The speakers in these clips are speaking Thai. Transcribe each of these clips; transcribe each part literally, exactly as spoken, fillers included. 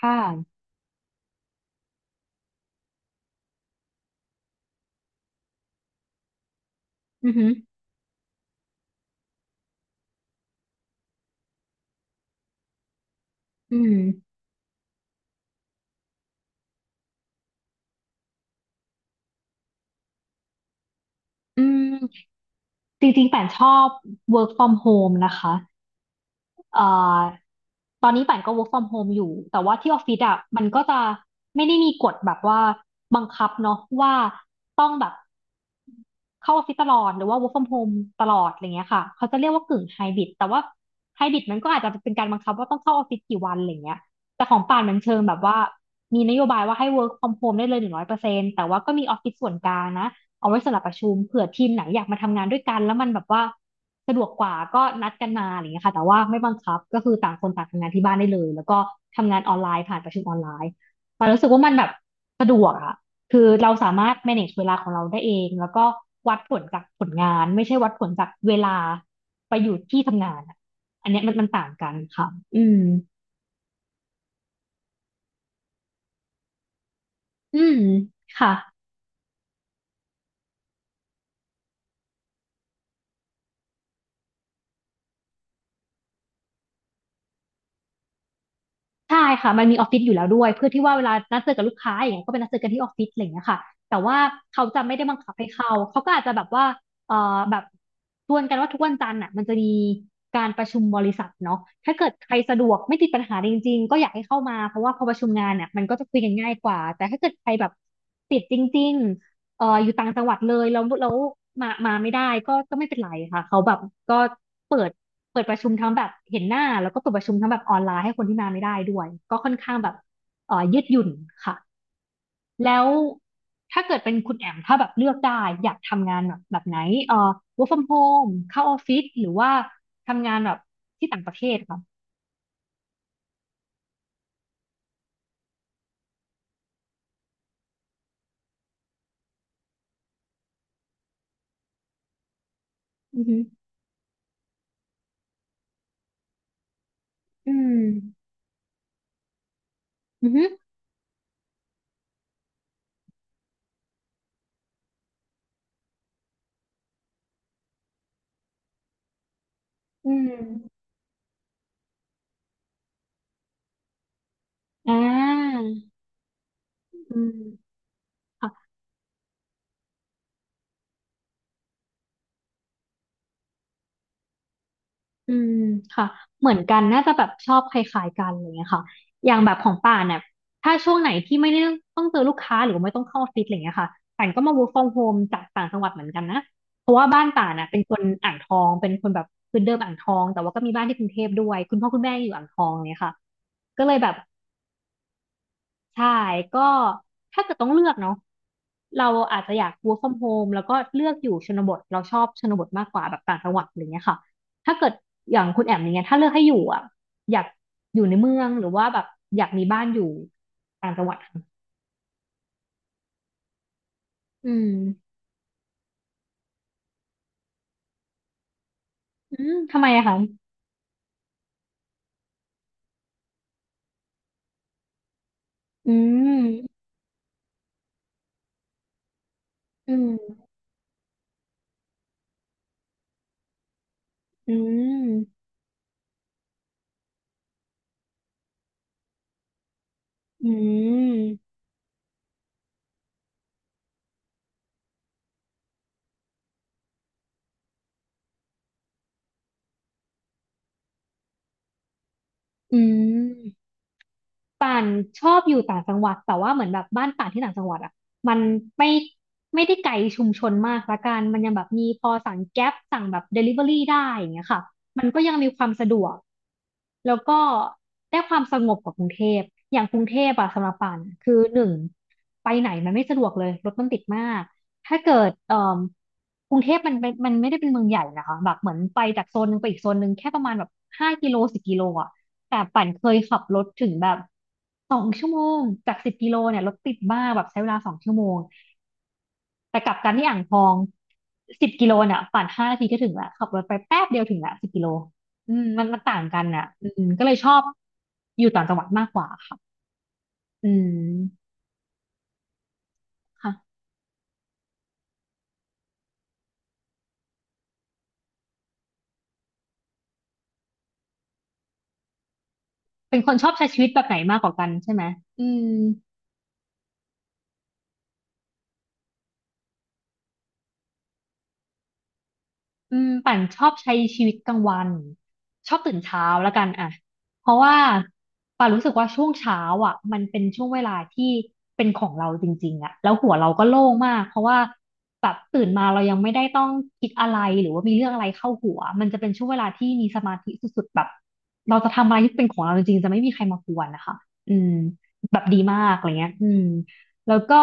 ค่ะ อือหืออืมอืมจริงๆป่านชอบ work from home นะคะเอ่อตอนนี้ป่านก็ work from home อยู่ แต่ว่าที่ออฟฟิศอ่ะ มันก็จะไม่ได้มีกฎแบบว่าบังคับเนาะว่าต้องแบบ เข้าออฟฟิศตลอดหรือว่า work from home ตลอดอะไรเงี้ยค่ะเขาจะเรียกว่ากึ่งไฮบริดแต่ว่าไฮบริดมันก็อาจจะเป็นการบังคับว่าต้องเข้าออฟฟิศกี่วันอะไรเงี้ยแต่ของป่านมันเชิงแบบว่ามีนโยบายว่าให้ work from home ได้เลยหนึ่งร้อยเปอร์เซ็นต์แต่ว่าก็มีออฟฟิศส่วนกลางนะเอาไว้สำหรับประชุมเผื่อทีมไหนอยากมาทำงานด้วยกันแล้วมันแบบว่าสะดวกกว่าก็นัดกันมาอะไรเงี้ยค่ะแต่ว่าไม่บังคับก็คือต่างคนต่างทำงานที่บ้านได้เลยแล้วก็ทำงานออนไลน์ผ่านประชุมออนไลน์ป่านรู้สึกว่ามันแบบสะดวกอะ คือเราสามารถ manage เวลาของเราได้เองแล้วก็วัดผลจากผลงานไม่ใช่วัดผลจากเวลาไปอยู่ที่ทำงานอะอันเนี้ยมันมันต่างกันค่ะอืมอืมค่ะ ใช่ค่ะมันมีออฟฟิศอยู่แล้วด้วยเพื่อที่ว่าเวลานัดเจอกับลูกค้าอย่างเงี้ยก็ไปนัดเจอกันที่ออฟฟิศอะไรอย่างเงี้ยค่ะแต่ว่าเขาจะไม่ได้บังคับให้เข้าเขาก็อาจจะแบบว่าเอ่อแบบชวนกันว่าทุกวันจันทร์อ่ะมันจะมีการประชุมบริษัทเนาะถ้าเกิดใครสะดวกไม่ติดปัญหาจริงๆก็อยากให้เข้ามาเพราะว่าพอประชุมงานเนี่ยมันก็จะคุยกันง่ายกว่าแต่ถ้าเกิดใครแบบติดจริง เอออยู่ต่างจังหวัดเลยแล้วแล้วมามาไม่ได้ก็ก็ไม่เป็นไรค่ะเขาแบบก็เปิดเปิดประชุมทั้งแบบเห็นหน้าแล้วก็เปิดประชุมทั้งแบบออนไลน์ให้คนที่มาไม่ได้ด้วยก็ค่อนข้างแบบเออยืดหยุ่นค่ะแล้วถ้าเกิดเป็นคุณแอมถ้าแบบเลือกได้อยากทำงานแบบแบบไหนเออ work from home เข้าออฟฟิศหรือว่าทำงานแบบที่ต่างประเทศค่ะอือฮึอืมอือฮึอืมอ่าอืม อืมค่ะเหมือนกันน่าจะแบบชอบคล้ายๆกันอะไรอย่างเงี้ยค่ะอย่างแบบของป่านเนี่ยถ้าช่วงไหนที่ไม่ได้ต้องเจอลูกค้าหรือว่าไม่ต้องเข้าออฟฟิศอะไรอย่างเงี้ยค่ะป่านก็มา work from home จากต่างจังหวัดเหมือนกันนะเพราะว่าบ้านป่านน่ะเป็นคนอ่างทองเป็นคนแบบคืนเดิมอ่างทองแต่ว่าก็มีบ้านที่กรุงเทพด้วยคุณพ่อคุณแม่อยู่อ่างทองเนี่ยค่ะก็เลยแบบ ใช่ก็ถ้าเกิดต้องเลือกเนาะเราอาจจะอยาก work from home แล้วก็เลือกอยู่ชนบทเราชอบชนบทมากกว่าแบบต่างจังหวัดอะไรเงี้ยค่ะถ้าเกิดอย่างคุณแอมอย่างเงี้ยถ้าเลือกให้อยู่อ่ะอยากอยู่ในเมืองหรือว่าแบบอยากมีบ้านอยู่ต่างจังหวัดค่ะอืมอืมทำไมอะคะอืมอืมอืมอืมอืม ป่านชอบอยู่ต่างจังหวัดแต่ว่าเหมือนแบบบ้านป่านที่ต่างจังหวัดอ่ะมันไม่ไม่ได้ไกลชุมชนมากละกันมันยังแบบมีพอสั่งแก๊ปสั่งแบบเดลิเวอรี่ได้อย่างเงี้ยค่ะมันก็ยังมีความสะดวกแล้วก็ได้ความสงบกว่ากรุงเทพอย่างกรุงเทพอะสำหรับป่านคือหนึ่งไปไหนมันไม่สะดวกเลยรถมันติดมาก ถ้าเกิดเอ่อกรุงเทพมันเป็นมันไม่ได้เป็นเมืองใหญ่นะคะแบบเหมือนไปจากโซนหนึ่งไปอีกโซนหนึ่งแค่ประมาณแบบห้ากิโลสิบกิโลอ่ะแต่ปั่นเคยขับรถถึงแบบสองชั่วโมงจากสิบกิโลเนี่ยรถติดมากแบบใช้เวลาสองชั่วโมงแต่กลับกันที่อ่างทองสิบกิโลเนี่ยปั่นห้านาทีก็ถึงละขับรถไปแป๊บเดียวถึงละสิบกิโลอืมมันมันต่างกันน่ะอืมก็เลยชอบอยู่ต่างจังหวัดมากกว่าค่ะอืมค่ะเป็นคนชอบใช้ชีวิตแบบไหนมากกว่ากันใช่ไหมอืม อืมปั่นชอบใช้ชีวิตกลางวันชอบตื่นเช้าแล้วกันอ่ะเพราะว่าป่นรู้สึกว่าช่วงเช้าอ่ะมันเป็นช่วงเวลาที่เป็นของเราจริงๆอ่ะแล้วหัวเราก็โล่งมากเพราะว่าแบบตื่นมาเรายังไม่ได้ต้องคิดอะไรหรือว่ามีเรื่องอะไรเข้าหัวมันจะเป็นช่วงเวลาที่มีสมาธิสุดๆแบบเราจะทำอะไรที่เป็นของเราจริงๆจะไม่มีใครมากวนนะคะอืมแบบดีมากอะไรเงี้ยอืม แล้วก็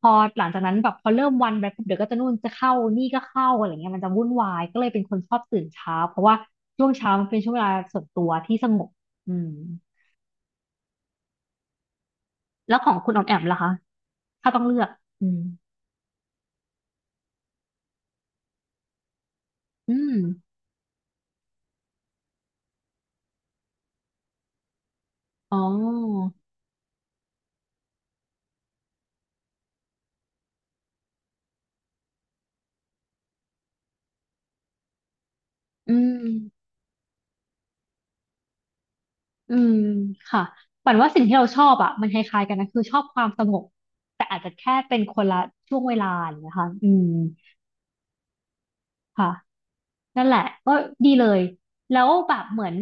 พอหลังจากนั้นแบบพอเริ่มวันไปปุ๊บเดี๋ยวก็จะนู่นจะเข้านี่ก็เข้าอะไรเงี้ยมันจะวุ่นวายก็เลยเป็นคนชอบตื่นเช้าเพราะว่าช่วงเช้ามันเป็นช่วงเวลาส่วนตัวที่สงบอืมแล้วของคุณออมแอมล่ะคะถ้าต้องเลือกอืมอืมอ๋ออืมอืมค่ะปันว่าสิ่งที่เราชอบอ่ะมันคล้ายๆกันนะคือชอบความสงบแต่อาจจะแค่เป็นคนละช่วงเวลาอย่างเงี้ยค่ะอืมค่ะ นั่นแหละก็ดีเลยแล้วแบบเหมือน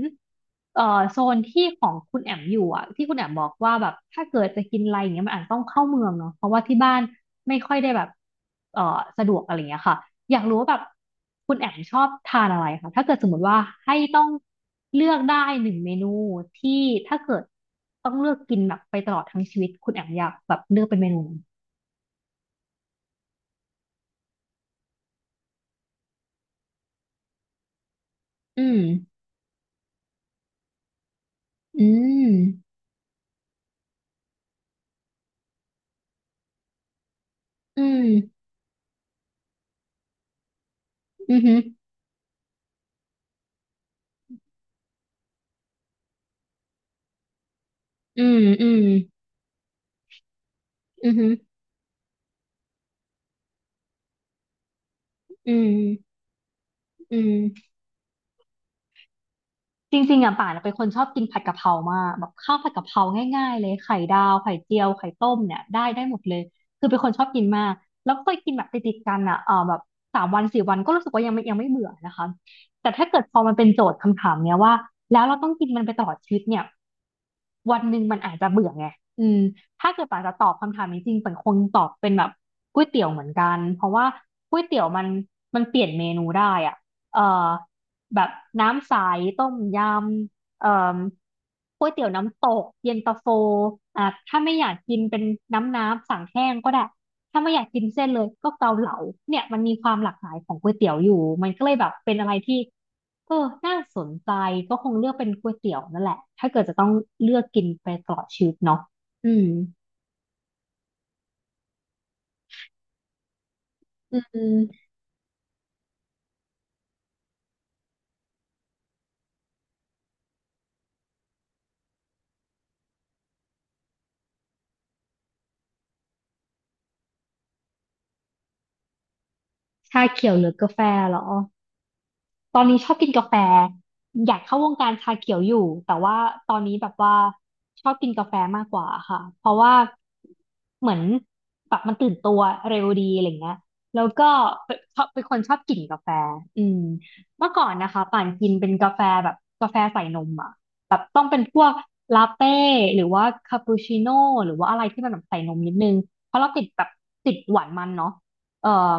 เอ่อโซนที่ของคุณแอมอยู่อ่ะที่คุณแอมบอกว่าแบบถ้าเกิดจะกินอะไรอย่างเงี้ยมันอาจต้องเข้าเมืองเนาะเพราะว่าที่บ้านไม่ค่อยได้แบบเอ่อสะดวกอะไรเงี้ยค่ะอยากรู้ว่าแบบคุณแอมชอบทานอะไรคะถ้าเกิดสมมติว่าให้ต้องเลือกได้หนึ่งเมนูที่ถ้าเกิดต้องเลือกกินแบบไปตลอดทั้งชีวิตคุณแอมอยากแบบเลือกเป็นเมนูไหนอืมอืมอืมอืมอหืออืมอืมอืม อืมอืมจริงๆอ่ะป่านเป็นคนชอบกินผัดกะเพรามากแบบข้าวผัดกะเพราง่ายๆเลยไข่ดาวไข่เจียวไข่ต้มเนี่ยได้ได้หมดเลยคือเป็นคนชอบกินมากแล้วก็เคยกินแบบติดๆกันอ่ะเออแบบสามวันสี่วันก็รู้สึกว่ายังไม่ยังไม่เบื่อนะคะแต่ถ้าเกิดพอมันเป็นโจทย์คำถามเนี้ยว่าแล้วเราต้องกินมันไปตลอดชีวิตเนี่ย วันหนึ่งมันอาจจะเบื่อไงอืมถ้าเกิดป่าจะตอบคำถามนี้จริงเป่นคงตอบเป็นแบบก๋วยเตี๋ยวเหมือนกันเพราะว่าก๋วยเตี๋ยวมันมันเปลี่ยนเมนูได้อ่ะเอ่อแบบน้ำใสต้มยำเอ่อก๋วยเตี๋ยวน้ำตกเย็นตาโฟอ่ะถ้าไม่อยากกินเป็นน้ำน้ำสั่งแห้งก็ได้ ถ้าไม่อยากกินเส้นเลยก็เกาเหลาเนี่ยมันมีความหลากหลายของก๋วยเตี๋ยวอยู่มันก็เลยแบบเป็นอะไรที่เออน่าสนใจก็คงเลือกเป็นก๋วยเตี๋ยวนั่นแหละถ้าเกิดจะต้องเลือกกินไปตลอดชีวิตเนาะอืมอืมชาเขียวหรือกาแฟเหรอ ตอนนี้ชอบกินกาแฟอยากเข้าวงการชาเขียวอยู่แต่ว่าตอนนี้แบบว่าชอบกินกาแฟมากกว่าค่ะเพราะว่าเหมือนแบบมันตื่นตัวเร็วดีอะไรเงี้ยแล้วก็เป็นชอบเป็นคนชอบกลิ่นกาแฟอืมเมื่อก่อนนะคะป่านกินเป็นกาแฟแบบกาแฟใส่นมอ่ะแบบต้องเป็นพวกลาเต้หรือว่าคาปูชิโน่หรือว่าอะไรที่มันแบบใส่นมนิดนึงเพราะเราติดแบบติดหวานมันเนาะ เอ่อ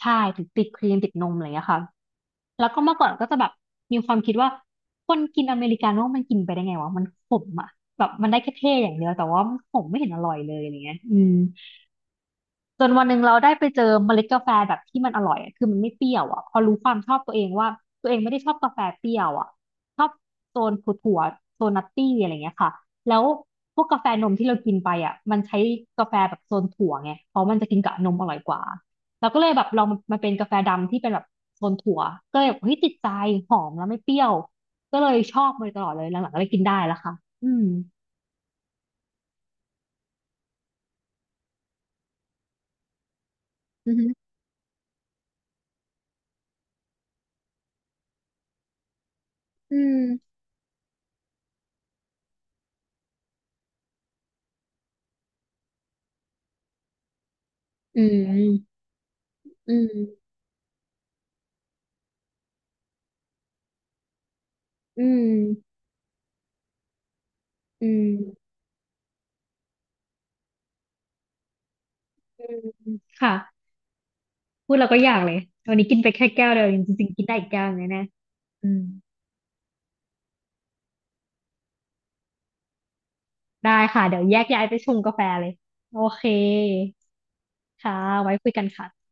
ใช่ถึงติดครีมติดนมอะไรอย่างเงี้ยค่ะแล้วก็เมื่อก่อนก็จะแบบมีความคิดว่าคนกินอเมริกาโน่มันกินไปได้ไงวะมันขมอ่ะแบบมันได้แค่เท่อย่างเดียวแต่ว่ามันขมไม่เห็นอร่อยเลยอะไรเงี้ยอืม จนวันหนึ่งเราได้ไปเจอเมล็ดกาแฟแบบที่มันอร่อยอะคือมันไม่เปรี้ยวอ่ะพอรู้ความชอบตัวเองว่าตัวเองไม่ได้ชอบกาแฟเปรี้ยวอ่ะชอบโซนถั่วๆโซนนัตตี้อะไรเงี้ยค่ะแล้วพวกกาแฟนมที่เรากินไปอ่ะมันใช้กาแฟแบบโซนถั่วไงเพราะมันจะกินกับนมอร่อยกว่าเราก็เลยแบบลองมาเป็นกาแฟดำที่เป็นแบบโซนถั่วก็เลยแบบเฮ้ยติดใจหอมแล้วไม่เปรี้ยวก็เลยชอบมาโดยตลอดเลยหลังๆก็เลยกินได้แล้วค่ะอืมอือหืออืมอืมอืมอืมอืม อืมค่ะพูดแล้วก็อยากเลยวันนี้กินไปแค่แก้วเดียวจริงๆกินได้อีกแก้วหนึงแน่ๆอืมได้ค่ะเดี๋ยวแยกย้ายไปชงกาแฟเลยโอเคค่ะไว้คุยกันค่ะ